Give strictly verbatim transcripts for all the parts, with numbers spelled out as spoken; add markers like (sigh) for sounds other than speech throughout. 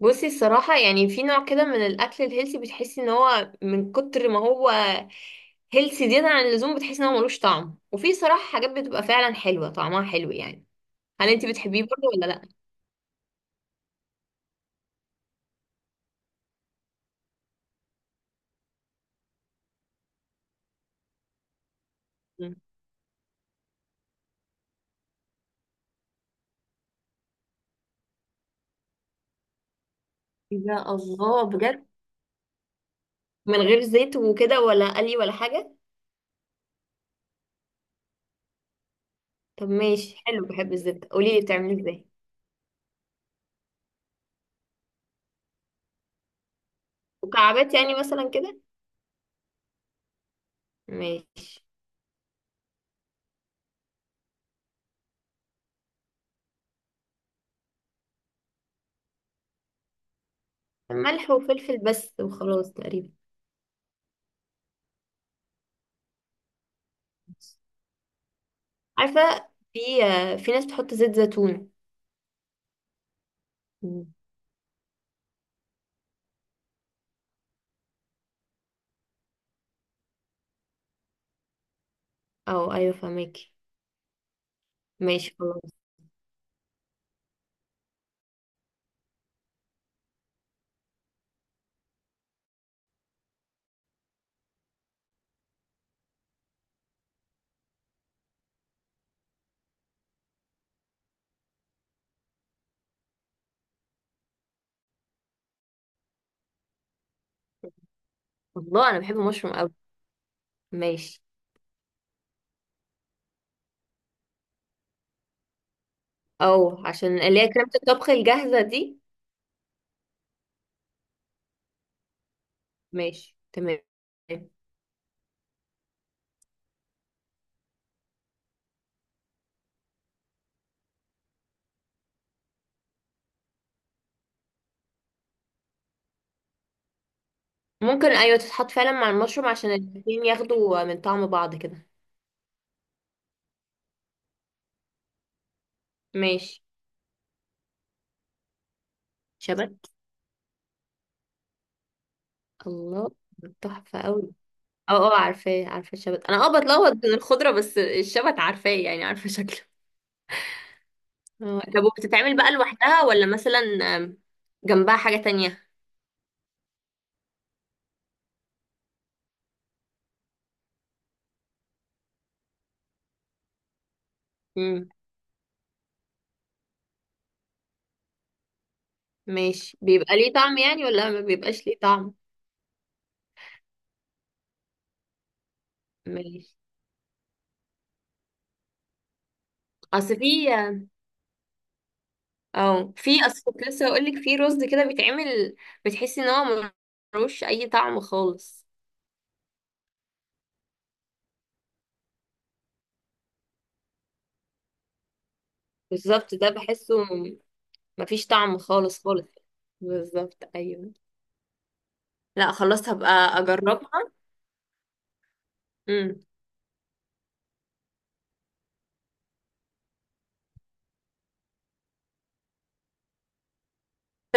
بصي، الصراحة يعني في نوع كده من الأكل الهيلثي بتحسي ان هو من كتر ما هو هيلثي زيادة عن اللزوم بتحسي ان هو ملوش طعم. وفي صراحة حاجات بتبقى فعلا حلوة طعمها حلو يعني. هل انتي بتحبيه برضه ولا لأ؟ مم. يا الله بجد. من غير زيت وكده ولا قلي ولا حاجة؟ طب ماشي حلو، بحب الزبدة، قوليلي بتعمليه ازاي. مكعبات يعني مثلا كده؟ ماشي. ملح وفلفل بس وخلاص تقريبا. عارفة، في في ناس بتحط زيت زيتون. مم. او ايوه فهماكي. ماشي خلاص. الله، انا بحب المشروم قوي. ماشي. او عشان اللي هي كريمة الطبخ الجاهزة دي. ماشي تمام. ممكن ايوه تتحط فعلا مع المشروم عشان الاتنين ياخدوا من طعم بعض كده. ماشي. شبت. الله، تحفة قوي. اه اه عارفاه، عارفة الشبت، انا اه بتلخبط بين الخضرة بس الشبت عارفاه، يعني عارفة شكله. اه، طب وبتتعمل بقى لوحدها ولا مثلا آم، جنبها حاجة تانية؟ امم. ماشي. بيبقى ليه طعم يعني ولا ما بيبقاش ليه طعم؟ ماشي. اصل في اه في اصل كنت لسه هقولك في رز كده بيتعمل بتحسي ان هو ملوش اي طعم خالص. بالظبط، ده بحسه م- مفيش طعم خالص خالص. بالظبط ايوه. لا خلاص هبقى اجربها. امم.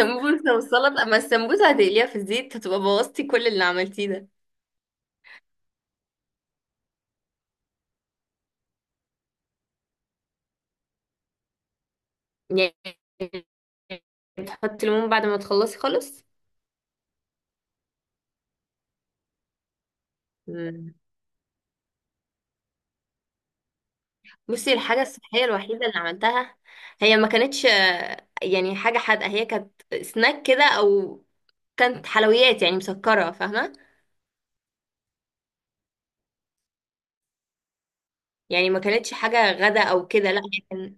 سمبوسه والسلطه، اما السمبوسه هتقليها في الزيت هتبقى بوظتي كل اللي عملتيه ده يعني. تحطي ليمون بعد ما تخلصي خالص. مم. بصي، الحاجة الصحية الوحيدة اللي عملتها هي ما كانتش آه، يعني حاجة حادقة، هي كانت سناك كده أو كانت حلويات يعني مسكرة، فاهمة؟ يعني ما كانتش حاجة غدا أو كده، لا هي كان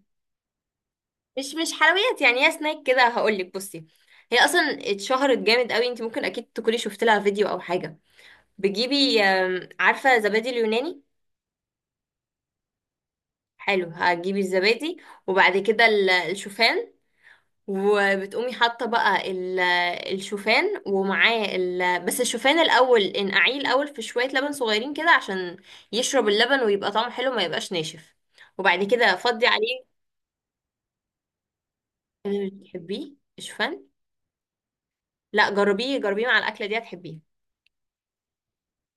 مش مش حلويات يعني، هي سناك كده، هقولك بصي. هي أصلا اتشهرت جامد قوي، انت ممكن أكيد تكوني شفت لها فيديو أو حاجة. بتجيبي آم، عارفة زبادي اليوناني؟ حلو، هتجيبي الزبادي وبعد كده ال- الشوفان، وبتقومي حاطه بقى ال- الشوفان ومعاه ال... بس الشوفان الاول انقعيه الاول في شويه لبن صغيرين كده عشان يشرب اللبن ويبقى طعمه حلو ما يبقاش ناشف. وبعد كده فضي عليه. آه، تحبيه الشوفان؟ لا جربيه جربيه مع الاكله دي هتحبيه.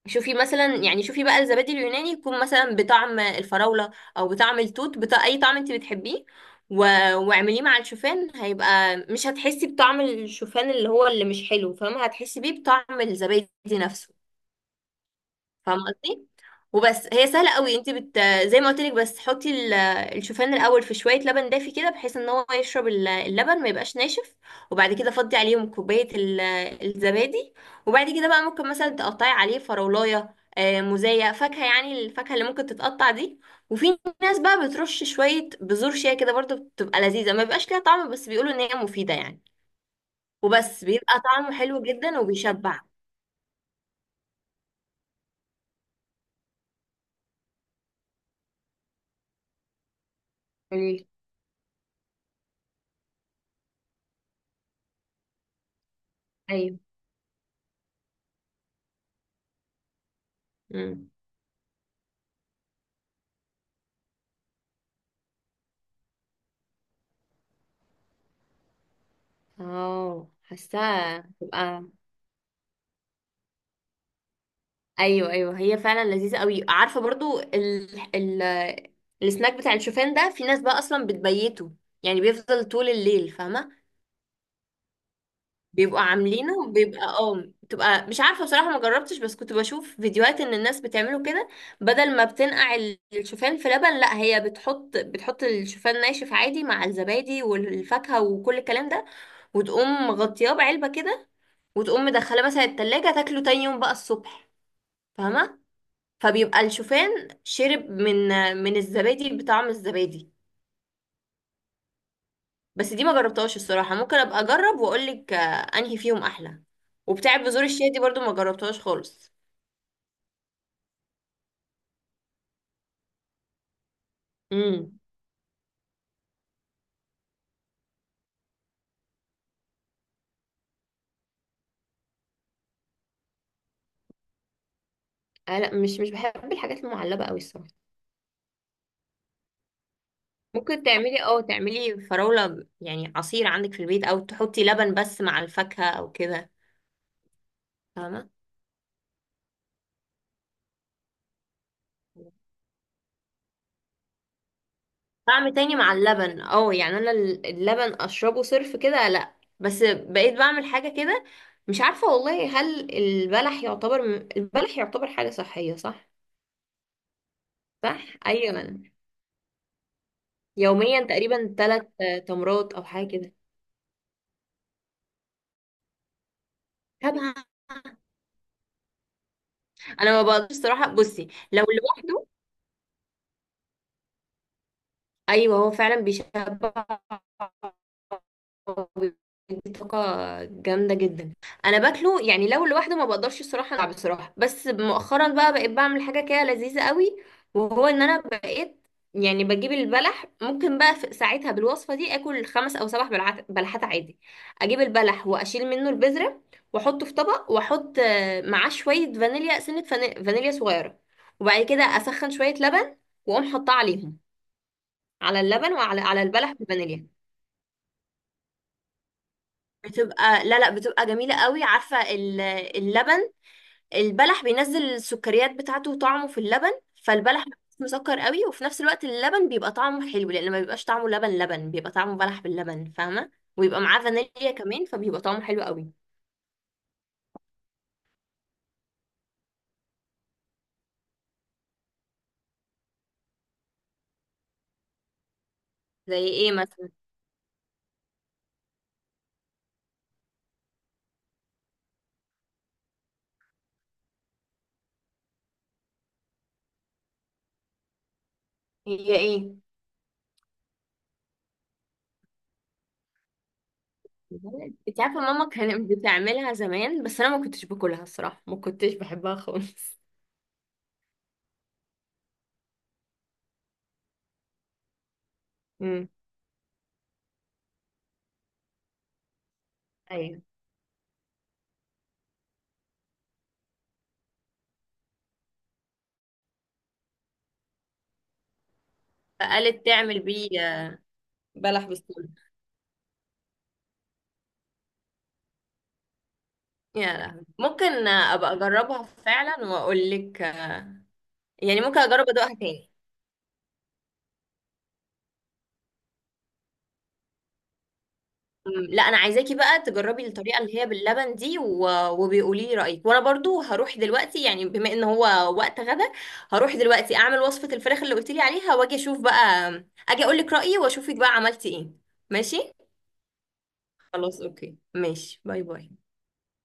شوفي مثلا، يعني شوفي بقى الزبادي اليوناني يكون مثلا بطعم الفراولة او بطعم التوت بتاع اي طعم انت بتحبيه و... واعمليه مع الشوفان. هيبقى مش هتحسي بطعم الشوفان اللي هو اللي مش حلو، فاهمة؟ هتحسي بيه بطعم الزبادي نفسه. فاهمه قصدي؟ وبس، هي سهله قوي. انت بت، زي ما قلت لك، بس حطي ال- الشوفان الاول في شويه لبن دافي كده بحيث ان هو يشرب ال- اللبن ما يبقاش ناشف. وبعد كده فضي عليهم كوبايه ال- الزبادي. وبعد كده بقى ممكن مثلا تقطعي عليه فراولايه آه، موزايه، فاكهه، يعني الفاكهه اللي ممكن تتقطع دي. وفي ناس بقى بترش شويه بذور شيا كده برضو، بتبقى لذيذه ما بيبقاش ليها طعم بس بيقولوا ان هي مفيده يعني. وبس بيبقى طعمه حلو جدا وبيشبع. يعني ايوه. مم. اه، حاساها تبقى. ايوه ايوه هي فعلا لذيذه قوي. عارفه برضو ال... ال... السناك بتاع الشوفان ده في ناس بقى اصلا بتبيته، يعني بيفضل طول الليل، فاهمه؟ بيبقوا عاملينه بيبقى اه، بتبقى مش عارفه بصراحه، ما جربتش، بس كنت بشوف فيديوهات ان الناس بتعمله كده. بدل ما بتنقع ال- الشوفان في لبن، لا هي بتحط بتحط الشوفان ناشف عادي مع الزبادي والفاكهه وكل الكلام ده، وتقوم مغطياه بعلبه كده وتقوم مدخله مثلا التلاجة تاكله تاني يوم بقى الصبح، فاهمة؟ فبيبقى الشوفان شرب من من الزبادي بطعم الزبادي. بس دي ما جربتهاش الصراحة، ممكن ابقى اجرب واقولك آه، انهي فيهم احلى. وبتاع بذور الشيا دي برضو ما جربتهاش خالص. امم. آه لا، مش مش بحب الحاجات المعلبة قوي الصراحة. ممكن تعملي اه تعملي فراولة يعني عصير عندك في البيت او تحطي لبن بس مع الفاكهة او كده، فاهمة؟ طعم تاني مع اللبن. اه يعني انا اللبن اشربه صرف كده، لا. بس بقيت بعمل حاجة كده. مش عارفة والله هل البلح يعتبر، البلح يعتبر حاجة صحية صح؟ صح ايوه. يوميا تقريبا ثلاث تمرات او حاجة كده. طبعا. انا ما بقدرش الصراحة، بصي لو لوحده. ايوه هو فعلا بيشبع وبيدي طاقة جامدة جدا. انا باكله يعني لو لوحده ما بقدرش الصراحة ألعب بصراحة، بس مؤخرا بقى بقيت بعمل حاجة كده لذيذة قوي. وهو ان انا بقيت يعني بجيب البلح، ممكن بقى في ساعتها بالوصفة دي اكل خمس او سبع بلعات- بلحات عادي. اجيب البلح واشيل منه البذرة واحطه في طبق واحط آه، معاه شوية فانيليا، سنة فاني- فانيليا صغيرة. وبعد كده اسخن شوية لبن واقوم حاطاه عليهم، على اللبن، وعلى على البلح بالفانيليا. بتبقى لا لا، بتبقى جميلة قوي. عارفة ال- اللبن، البلح بينزل السكريات بتاعته وطعمه في اللبن، فالبلح مسكر قوي وفي نفس الوقت اللبن بيبقى طعمه حلو لان ما بيبقاش طعمه لبن لبن، بيبقى طعمه بلح باللبن، فاهمة؟ ويبقى معاه فانيليا كمان فبيبقى طعمه حلو قوي. زي ايه مثلا؟ هي ايه؟ انت عارفة ماما كانت (laughs) بتعملها زمان بس انا ما كنتش باكلها الصراحة، ما كنتش بحبها خالص. امم. ايوه. فقالت تعمل بيه؟ بلح بالصوص. يا لهوي ممكن ابقى اجربها فعلا واقول لك. يعني ممكن اجرب ادوقها تاني. أمم، لا انا عايزاكي بقى تجربي الطريقه اللي هي باللبن دي و... وبيقولي لي رايك. وانا برضو هروح دلوقتي، يعني بما ان هو وقت غدا هروح دلوقتي اعمل وصفه الفراخ اللي قلت لي عليها واجي اشوف بقى، اجي اقول لك رايي واشوفك بقى عملتي ايه. ماشي. خلاص اوكي ماشي، باي باي.